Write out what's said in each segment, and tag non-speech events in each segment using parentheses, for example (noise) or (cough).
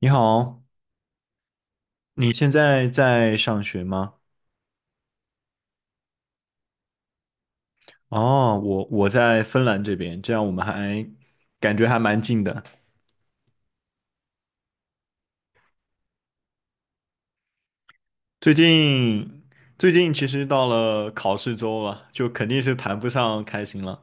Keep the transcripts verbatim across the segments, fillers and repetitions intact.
你好，你现在在上学吗？哦，我我在芬兰这边，这样我们还感觉还蛮近的。最近最近其实到了考试周了，就肯定是谈不上开心了。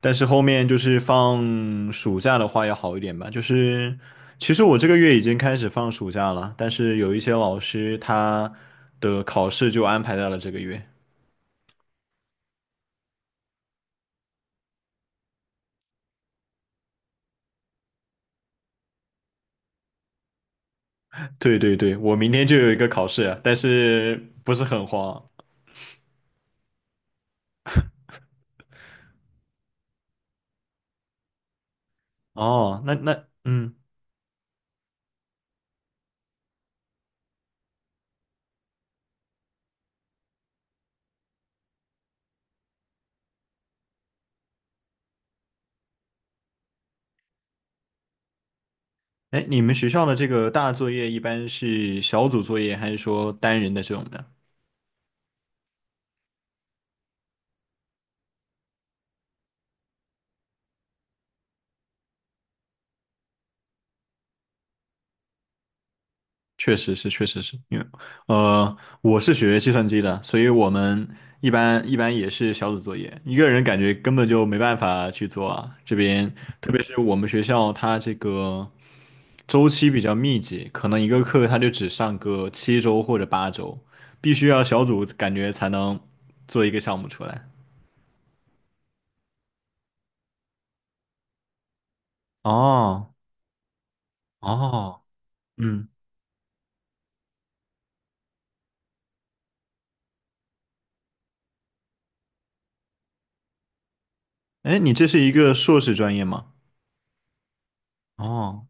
但是后面就是放暑假的话要好一点吧。就是其实我这个月已经开始放暑假了，但是有一些老师他的考试就安排在了这个月。对对对，我明天就有一个考试，但是不是很慌。哦，那那嗯，哎，你们学校的这个大作业一般是小组作业，还是说单人的这种的？确实是，确实是因为呃，我是学计算机的，所以我们一般一般也是小组作业，一个人感觉根本就没办法去做啊。这边特别是我们学校，它这个周期比较密集，可能一个课它就只上个七周或者八周，必须要小组感觉才能做一个项目出来。哦哦，嗯，哎，你这是一个硕士专业吗？哦，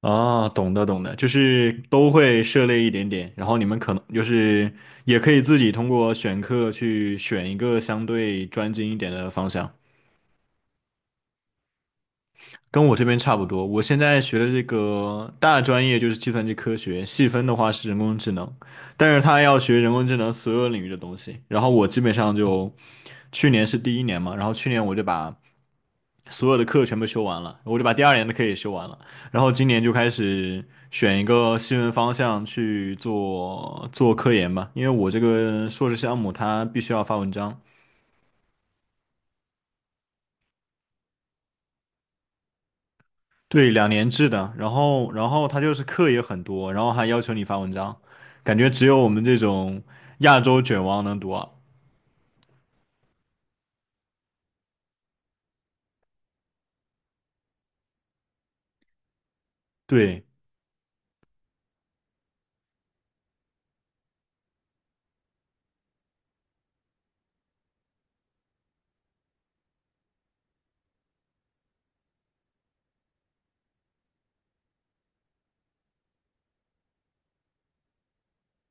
哦，懂的懂的，就是都会涉猎一点点，然后你们可能就是也可以自己通过选课去选一个相对专精一点的方向，跟我这边差不多。我现在学的这个大专业就是计算机科学，细分的话是人工智能，但是他要学人工智能所有领域的东西，然后我基本上就去年是第一年嘛，然后去年我就把。所有的课全部修完了，我就把第二年的课也修完了，然后今年就开始选一个新闻方向去做做科研吧，因为我这个硕士项目它必须要发文章，对，两年制的，然后然后它就是课也很多，然后还要求你发文章，感觉只有我们这种亚洲卷王能读啊。对，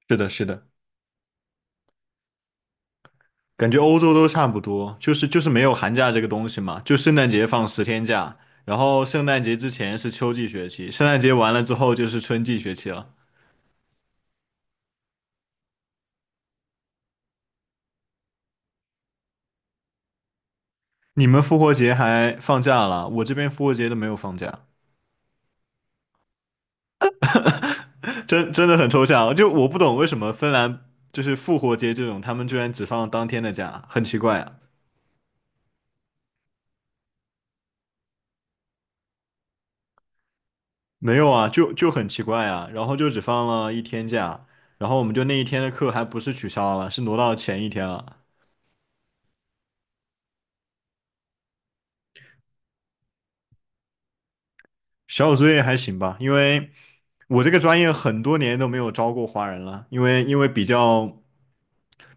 是的，是的。感觉欧洲都差不多，就是就是没有寒假这个东西嘛，就圣诞节放十天假，然后圣诞节之前是秋季学期，圣诞节完了之后就是春季学期了。你们复活节还放假了，我这边复活节都没有放假，真真的很抽象。就我不懂为什么芬兰就是复活节这种，他们居然只放当天的假，很奇怪啊。没有啊，就就很奇怪啊，然后就只放了一天假，然后我们就那一天的课还不是取消了，是挪到前一天了。小组作业还行吧，因为。我这个专业很多年都没有招过华人了，因为因为比较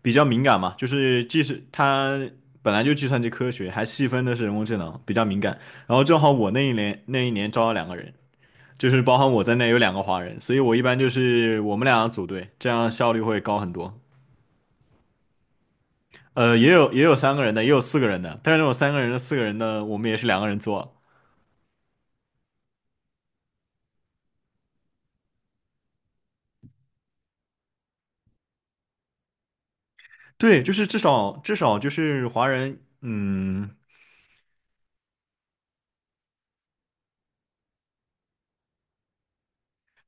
比较敏感嘛，就是即使它本来就计算机科学，还细分的是人工智能，比较敏感。然后正好我那一年那一年招了两个人，就是包含我在内有两个华人，所以我一般就是我们俩组队，这样效率会高很多。呃，也有也有三个人的，也有四个人的，但是那种三个人的、四个人的，我们也是两个人做。对，就是至少至少就是华人，嗯。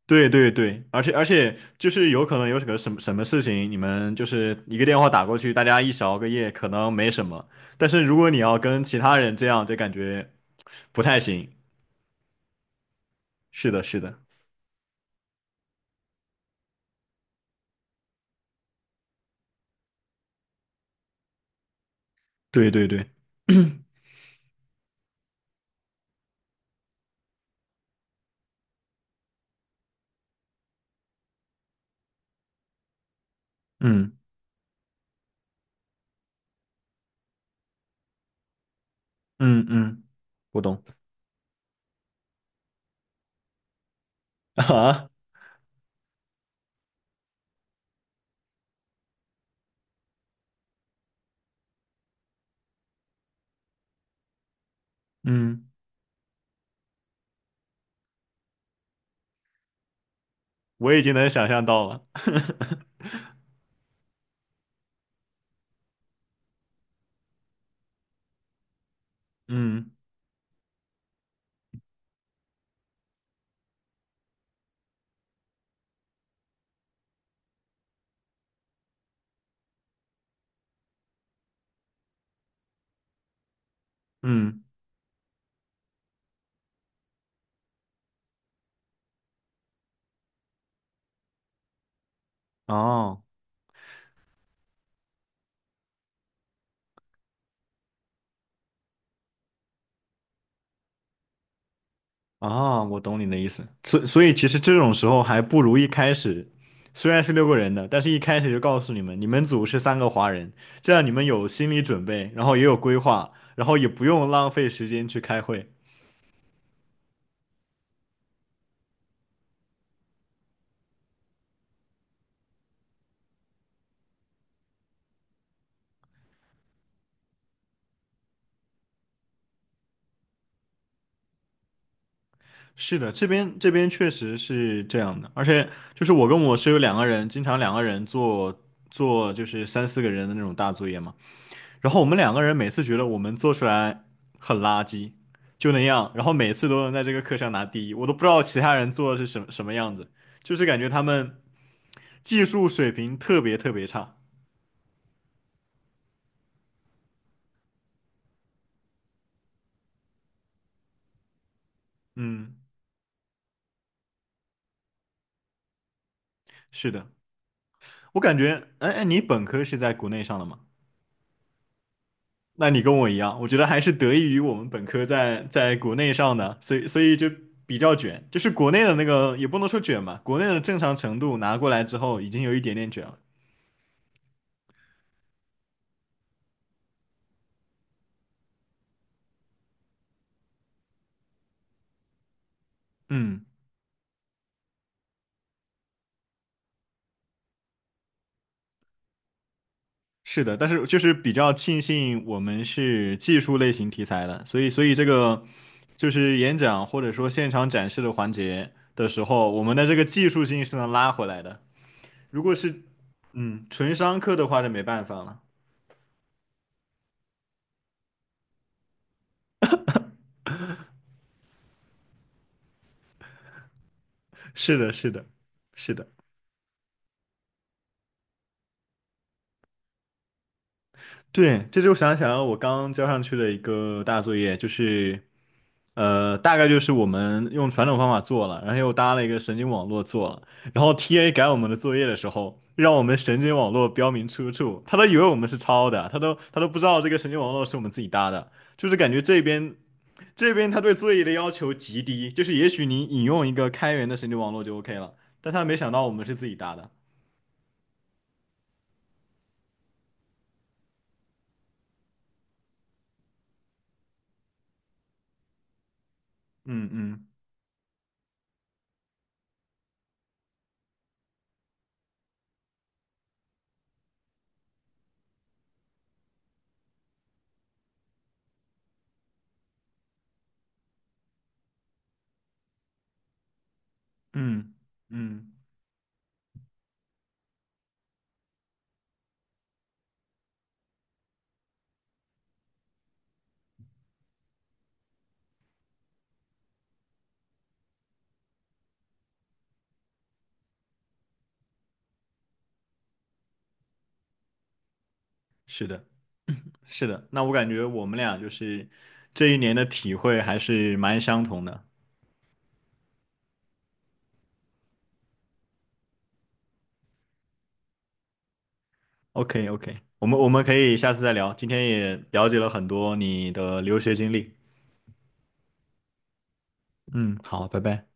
对对对，而且而且就是有可能有什么什么什么事情，你们就是一个电话打过去，大家一起熬个夜可能没什么，但是如果你要跟其他人这样，就感觉不太行。是的，是的，对对对，(coughs) (clears throat) 嗯嗯嗯，我懂 (laughs) 啊，嗯，我已经能想象到了，(laughs) 嗯嗯，哦。啊，我懂你的意思。所所以其实这种时候还不如一开始，虽然是六个人的，但是一开始就告诉你们，你们组是三个华人，这样你们有心理准备，然后也有规划，然后也不用浪费时间去开会。是的，这边这边确实是这样的，而且就是我跟我室友两个人，经常两个人做做就是三四个人的那种大作业嘛，然后我们两个人每次觉得我们做出来很垃圾，就那样，然后每次都能在这个课上拿第一，我都不知道其他人做的是什么什么样子，就是感觉他们技术水平特别特别差。嗯，是的，我感觉，哎哎，你本科是在国内上的吗？那你跟我一样，我觉得还是得益于我们本科在在国内上的，所以所以就比较卷，就是国内的那个也不能说卷吧，国内的正常程度拿过来之后，已经有一点点卷了。嗯。是的，但是就是比较庆幸我们是技术类型题材的，所以所以这个就是演讲或者说现场展示的环节的时候，我们的这个技术性是能拉回来的。如果是嗯纯商课的话，就没办法了。是的，是的，是的。对，这就想想我刚交上去的一个大作业，就是，呃，大概就是我们用传统方法做了，然后又搭了一个神经网络做了，然后 T A 改我们的作业的时候，让我们神经网络标明出处，他都以为我们是抄的，他都他都不知道这个神经网络是我们自己搭的，就是感觉这边这边他对作业的要求极低，就是也许你引用一个开源的神经网络就 OK 了，但他没想到我们是自己搭的，嗯嗯嗯嗯，是的。是的，那我感觉我们俩就是这一年的体会还是蛮相同的。OK OK,我们我们可以下次再聊，今天也了解了很多你的留学经历。嗯，好，拜拜。